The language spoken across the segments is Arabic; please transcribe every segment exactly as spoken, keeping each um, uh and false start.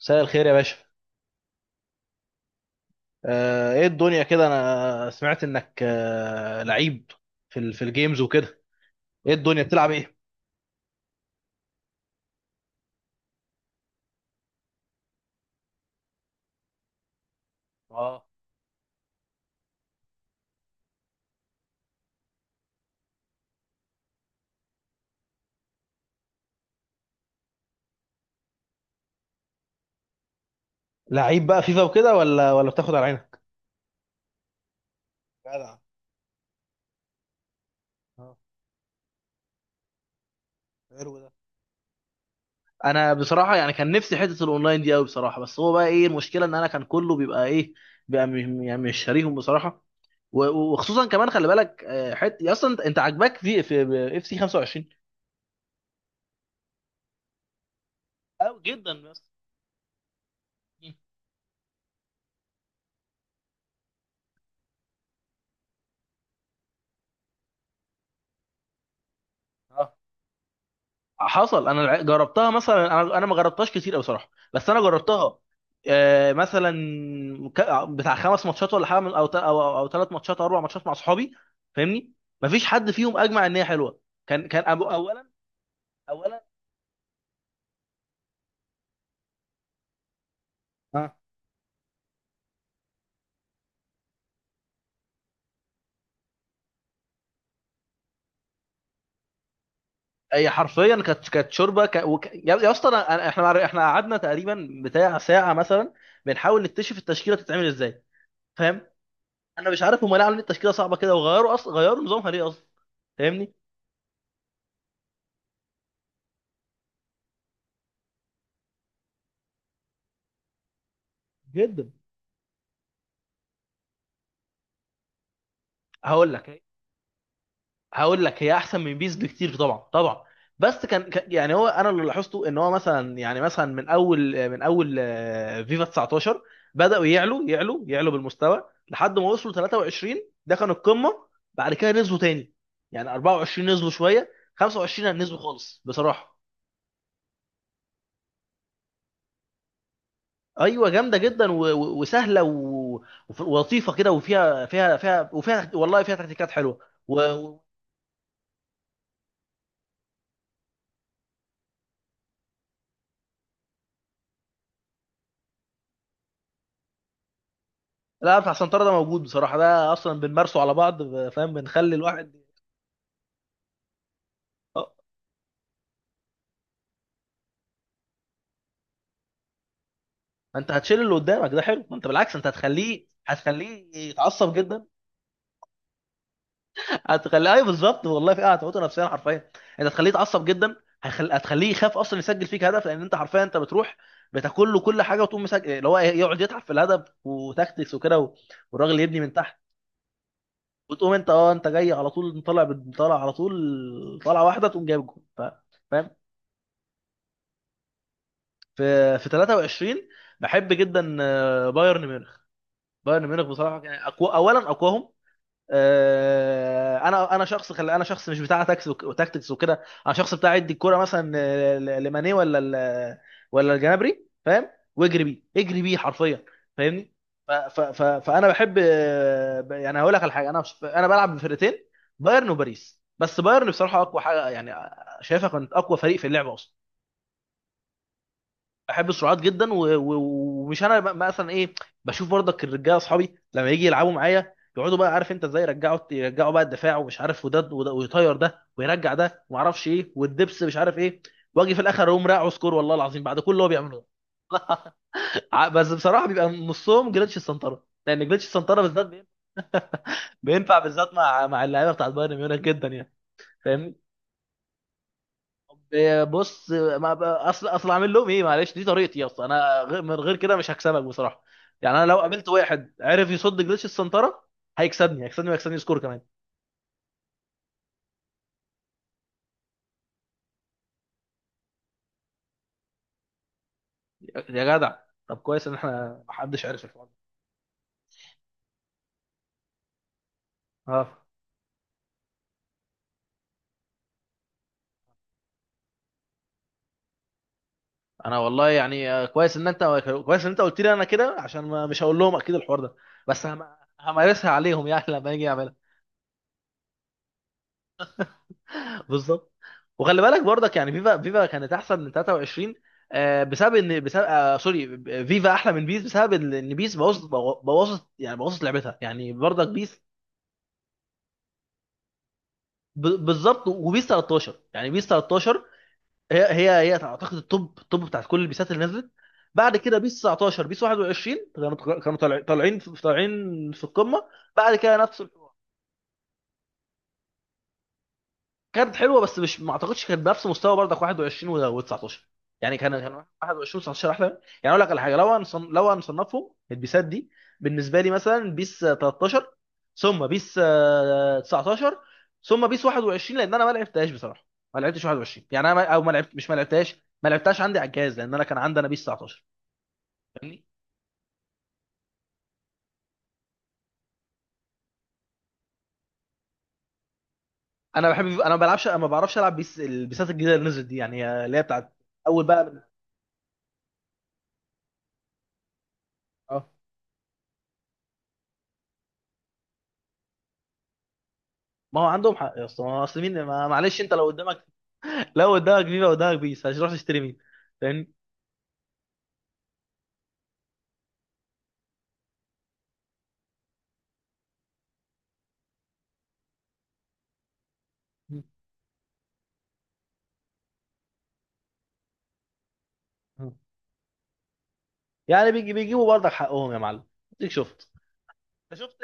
مساء الخير يا باشا. آه، ايه الدنيا كده؟ انا سمعت انك آه، لعيب في ال- في الجيمز وكده. ايه الدنيا بتلعب ايه؟ اه، لعيب بقى فيفا وكده ولا ولا بتاخد على عينك؟ جدع. اه، حلو ده. انا بصراحه يعني كان نفسي حته الاونلاين دي قوي بصراحه، بس هو بقى ايه المشكله؟ ان انا كان كله بيبقى ايه، بيبقى م- يعني مش شاريهم بصراحه. و- و- وخصوصا كمان خلي بالك، حته اصلا انت أنت عاجباك في في اف سي خمسة وعشرين؟ أو جدا، بس. مم. اه. حصل، انا الع- جربتها مثلا. انا انا ما جربتهاش كتير قوي بصراحه، بس انا جربتها، آه، مثلا، ك- بتاع خمس ماتشات ولا حاجه، من- او تا- او او ثلاث ماتشات او اربع ماتشات مع صحابي. فاهمني؟ مفيش حد فيهم اجمع ان هي حلوه. كان كان أبو اولا، اولا. اه. هي حرفيا كانت كانت شوربه، ك... وك... يا يا اسطى. أنا... أنا- احنا مع- احنا قعدنا تقريبا بتاع ساعه مثلا بنحاول نكتشف التشكيله تتعمل ازاي. فاهم؟ انا مش عارف هم ليه عاملين التشكيله صعبه كده، وغيروا اصلا، غيروا نظامها ليه اصلا؟ فاهمني؟ جدا. هقول لك، هقول لك، هي احسن من بيس بكتير، طبعا طبعا. بس كان كان- يعني هو انا اللي لاحظته ان هو مثلا، يعني مثلا، من اول من اول آه، فيفا تسعة عشر بداوا يعلوا يعلوا يعلوا بالمستوى، لحد ما وصلوا تلاتة وعشرين، ده كان القمه. بعد كده نزلوا تاني. يعني اربعة وعشرين نزلوا شويه، خمسة وعشرين نزلوا خالص بصراحه. ايوه، جامده جدا و- و- وسهله و- وف- ولطيفه كده، وفيها فيها فيها وفيها والله فيها تكتيكات حلوه. لا، بتاع سنترة ده موجود بصراحة، ده أصلا بنمارسه على بعض. فاهم؟ بنخلي الواحد. اه. ما أنت هتشيل اللي قدامك، ده حلو. ما أنت بالعكس، أنت هتخليه، هتخليه يتعصب جدا. هتخليه، أيوه، بالظبط، والله في قاعده هتموته نفسيا حرفيا. أنت هتخليه يتعصب جدا. هتخل... هتخليه يخاف أصلا يسجل فيك هدف، لأن أنت حرفيا أنت بتروح بتاكل له كل حاجة، وتقوم مسجل اللي هو يقعد يتعب في الهدف وتكتكس وكده، و- والراجل يبني من تحت. وتقوم أنت، أه أنت جاي على طول طالع، بت- طالع على طول، طالعة واحدة تقوم جايب جول. ف- فاهم؟ في في تلاتة وعشرين، بحب جدا آه، بايرن ميونخ. بايرن ميونخ بصراحه يعني أقوى، اولا اقواهم. آه، انا انا شخص، خلي انا شخص مش بتاع تاكس وك- وتاكتكس وكده، انا شخص بتاع يدي الكوره مثلا آه، ل- لماني، ولا ال- ولا الجنابري. فاهم؟ واجري بيه، اجري بيه حرفيا. فاهمني؟ ف ف ف فانا بحب آه، ب- يعني هقول لك على حاجه، انا مش انا بلعب بفرقتين، بايرن وباريس. بس بايرن بصراحه اقوى حاجه، يعني آه، شايفها كانت اقوى فريق في اللعبه اصلا. احب السرعات جدا، و- و- ومش انا م- مثلا ايه، بشوف برضك الرجاله اصحابي لما يجي يلعبوا معايا، يقعدوا بقى عارف انت ازاي، يرجعوا يرجعوا بقى الدفاع ومش عارف، وده وده، ويطير ده ويرجع ده وما اعرفش ايه والدبس مش عارف ايه. واجي في الاخر اقوم راقع سكور، والله العظيم، بعد كل اللي هو بيعمله ده. ع- بس بصراحه بيبقى نصهم جليتش السنطره، لان جليتش السنطره بالذات بين- بينفع بالذات مع مع اللعيبه بتاعت بايرن ميونخ جدا يعني. فاهمني؟ بص، ما ب- اصل اصل اعمل لهم ايه؟ معلش، دي طريقتي اصلا، انا غ- من غير كده مش هكسبك بصراحه. يعني انا لو قابلت واحد عرف يصد جليتش السنتره، هيكسبني، هيكسبني وهيكسبني سكور كمان. يا يا جدع، طب كويس ان احنا محدش عرف الحوار ده. اه. انا والله يعني آه، كويس ان انت، كويس ان انت قلت لي انا كده، عشان ما مش هقول لهم اكيد الحوار ده. بس هم... همارسها عليهم يعني لما اجي اعملها. بالظبط. وخلي بالك برضك، يعني فيفا فيفا كانت احسن من تلاتة وعشرين، آه، بسبب ان بسبب آه سوري، فيفا احلى من بيس بسبب ان إن بيس بوظت، بوظت، يعني بوظت لعبتها يعني، برضك بيس. ب- بالظبط. وبيس تلتاشر، يعني بيس تلتاشر هي هي هي اعتقد التوب، التوب بتاعت كل البيسات اللي نزلت. بعد كده بيس تسعة عشر، بيس واحد وعشرين، كانوا كانوا طالع- طالعين في- طالعين في القمه. بعد كده نفس. كانت حلوه بس مش، ما اعتقدش كانت بنفس مستوى برضك واحد وعشرين و19. يعني كان كان واحد وعشرين و19 احلى. يعني اقول لك على حاجه، لو هنصن... لو هنصنفهم البيسات دي بالنسبه لي: مثلا بيس تلتاشر، ثم بيس آه، تسعة عشر، ثم بيس واحد وعشرين، لان انا ما لعبتهاش بصراحه، ما لعبتش واحد وعشرين. يعني انا ما... او ما لعبت مش ما لعبتهاش ما لعبتهاش عندي على الجهاز، لان انا كان عندي انا بيس تسعتاشر. فاهمني؟ انا بحب، انا ما بلعبش ما بعرفش العب بيس، البيسات الجديده اللي نزلت دي، يعني اللي هي بتاعت اول بقى من... اه. ما هو عندهم حق يا اسطى، ما هو اصل مين، ما- معلش، انت لو قدامك، لا قدامك، بيبقى قدامك بيس، هتروح تشتري مين؟ فاهمني؟ يعني بيجي، بيجيبوا برضك حقهم يا معلم. اديك شفت، شفت،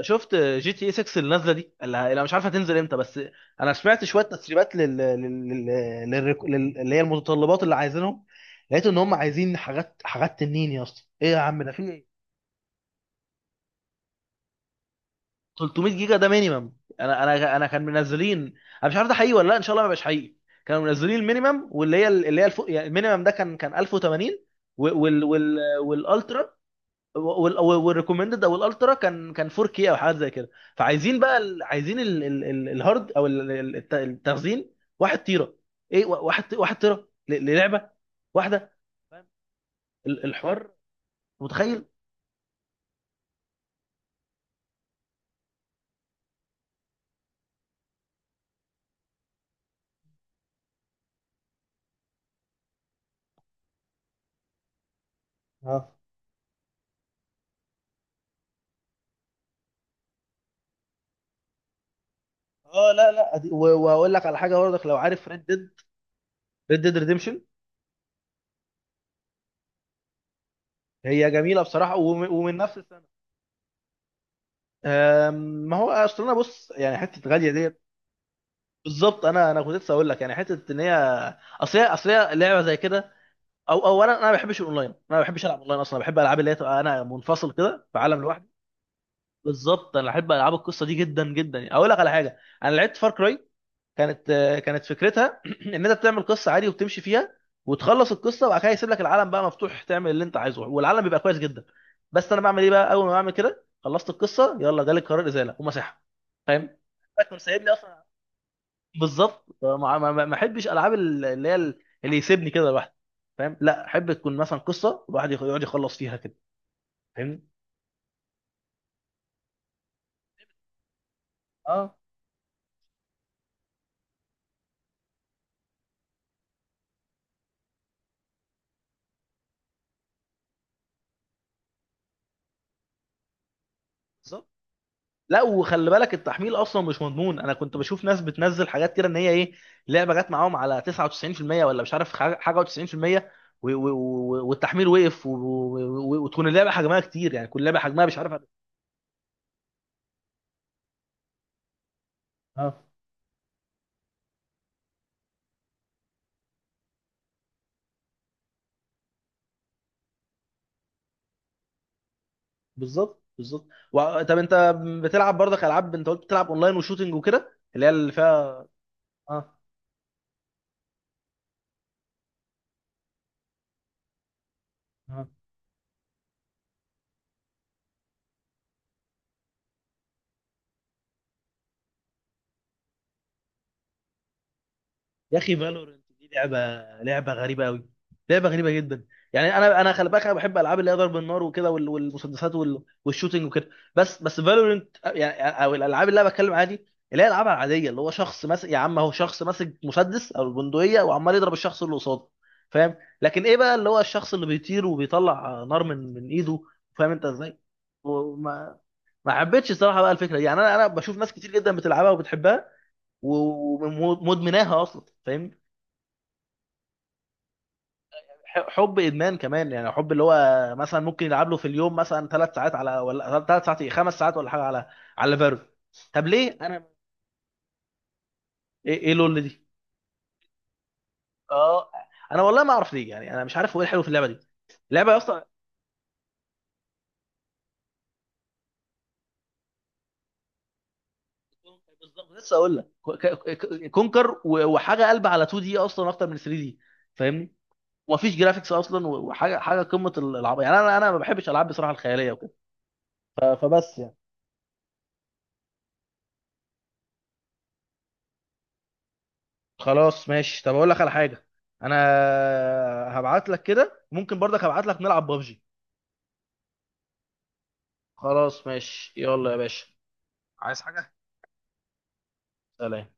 شفت جي تي اي ستة اللي نازله دي، اللي اللي مش عارفه تنزل امتى. بس انا سمعت شويه تسريبات لل... لل... لل... لل... لل... اللي هي المتطلبات اللي عايزينهم. لقيت ان هم عايزين حاجات، حاجات تنين يا اسطى، ايه يا عم ده، في ايه؟ تلتمية جيجا ده مينيمم. انا انا انا كان منزلين، انا مش عارف ده حقيقي ولا لا، ان شاء الله ما يبقاش حقيقي. كانوا منزلين المينيمم واللي هي، اللي هي الفوق. يعني المينيمم ده كان كان الف وتمانين، وال وال وال والالترا، وال- والريكومندد او الالترا كان كان فور كيه او حاجات زي كده. فعايزين بقى ال- عايزين ال- ال- ال- الهارد، او ال- ال- الت- التخزين، واحد تيرا. ايه؟ واحد واحد تيرا ل- للعبه واحده؟ فاهم ال- الحوار؟ متخيل؟ اه. اه، لا لا، أدي- و- واقول لك على حاجه برضك لو عارف ريد ديد. ريد ديد هي جميله بصراحه، ومن، ومن نفس السنه. آم، ما هو اصل، انا بص يعني حته غاليه ديت. بالظبط. انا انا كنت لسه اقول لك يعني حته ان هي، اصل هي اصل هي لعبه زي كده. او اولا، انا ما بحبش الاونلاين، انا ما بحبش العب اونلاين اصلا. بحب العاب اللي هي تبقى انا منفصل كده في عالم لوحدي. بالظبط. انا بحب العاب القصه دي جدا جدا. يعني اقول لك على حاجه، انا لعبت فار كراي، كانت آه، كانت فكرتها ان انت بتعمل قصه عادي وبتمشي فيها، وتخلص القصه، وبعد كده يسيب لك العالم بقى مفتوح، تعمل اللي انت عايزه والعالم بيبقى كويس جدا. بس انا بعمل ايه بقى؟ اول ما بعمل كده، خلصت القصه، يلا جالي قرار ازاله ومسحها. فاهم؟ فاكر سايب لي اصلا. بالظبط. ما ما- ما- ما احبش العاب اللي هي اللي يسيبني كده لوحدي. فاهم؟ لا، احب تكون مثلا قصه، الواحد يخ- يقعد يخلص فيها كده. فاهمني؟ اه، بالظبط. لا، وخلي بالك، التحميل اصلا مش مضمون. انا كنت بشوف ناس بتنزل حاجات كده، ان هي ايه، لعبه جت معاهم على تسعة وتسعين في المية، ولا مش عارف، حاجه حاجة، و90%، و- و- و- والتحميل وقف، و- و- و- وتكون اللعبه حجمها كتير، يعني كل لعبه حجمها مش عارف. اه، بالظبط، بالظبط. و- طب انت بتلعب برضك العاب، انت قلت بتلعب اونلاين وشوتينج وكده، اللي هي اللي فيها. اه. اه، يا اخي فالورنت دي لعبه، لعبه غريبه قوي، لعبه غريبه جدا. يعني انا انا خلي بالك، انا بحب العاب اللي هي ضرب النار وكده، وال- والمسدسات، وال- والشوتينج وكده. بس، بس فالورنت، يعني او الالعاب اللي انا بتكلم عادي اللي هي الالعاب العاديه، اللي هو شخص ماسك، يا عم هو شخص ماسك مسدس او البندقيه وعمال يضرب الشخص اللي قصاده. فاهم؟ لكن ايه بقى اللي هو الشخص اللي بيطير وبيطلع نار من من ايده؟ فاهم انت ازاي؟ وما، ما حبيتش الصراحه بقى الفكره دي. يعني انا انا بشوف ناس كتير جدا بتلعبها وبتحبها ومدمناها اصلا. فاهم؟ ح- حب ادمان كمان، يعني حب اللي هو مثلا ممكن يلعب له في اليوم مثلا ثلاث ساعات على، ولا ثلاث ساعات، ايه، خمس ساعات ولا حاجه على، على فالو. طب ليه انا؟ ايه؟ ايه لول دي؟ اه، انا والله ما اعرف ليه، يعني انا مش عارف هو ايه الحلو في اللعبه دي، اللعبه يا اسطى؟ بالظبط، لسه اقول لك. ك- ك- كونكر و- وحاجه قلب على اتنين دي اصلا اكتر من ثلاثة دي. فاهمني؟ ومفيش جرافيكس اصلا، وحاجه، حاجه قمه العبط. يعني انا انا ما بحبش العاب بصراحه الخياليه وكده. ف- فبس يعني. خلاص، ماشي. طب اقول لك على حاجه. انا هبعت لك كده، ممكن برضك هبعت لك نلعب ببجي. خلاص ماشي، يلا يا باشا. عايز حاجة؟ سلام.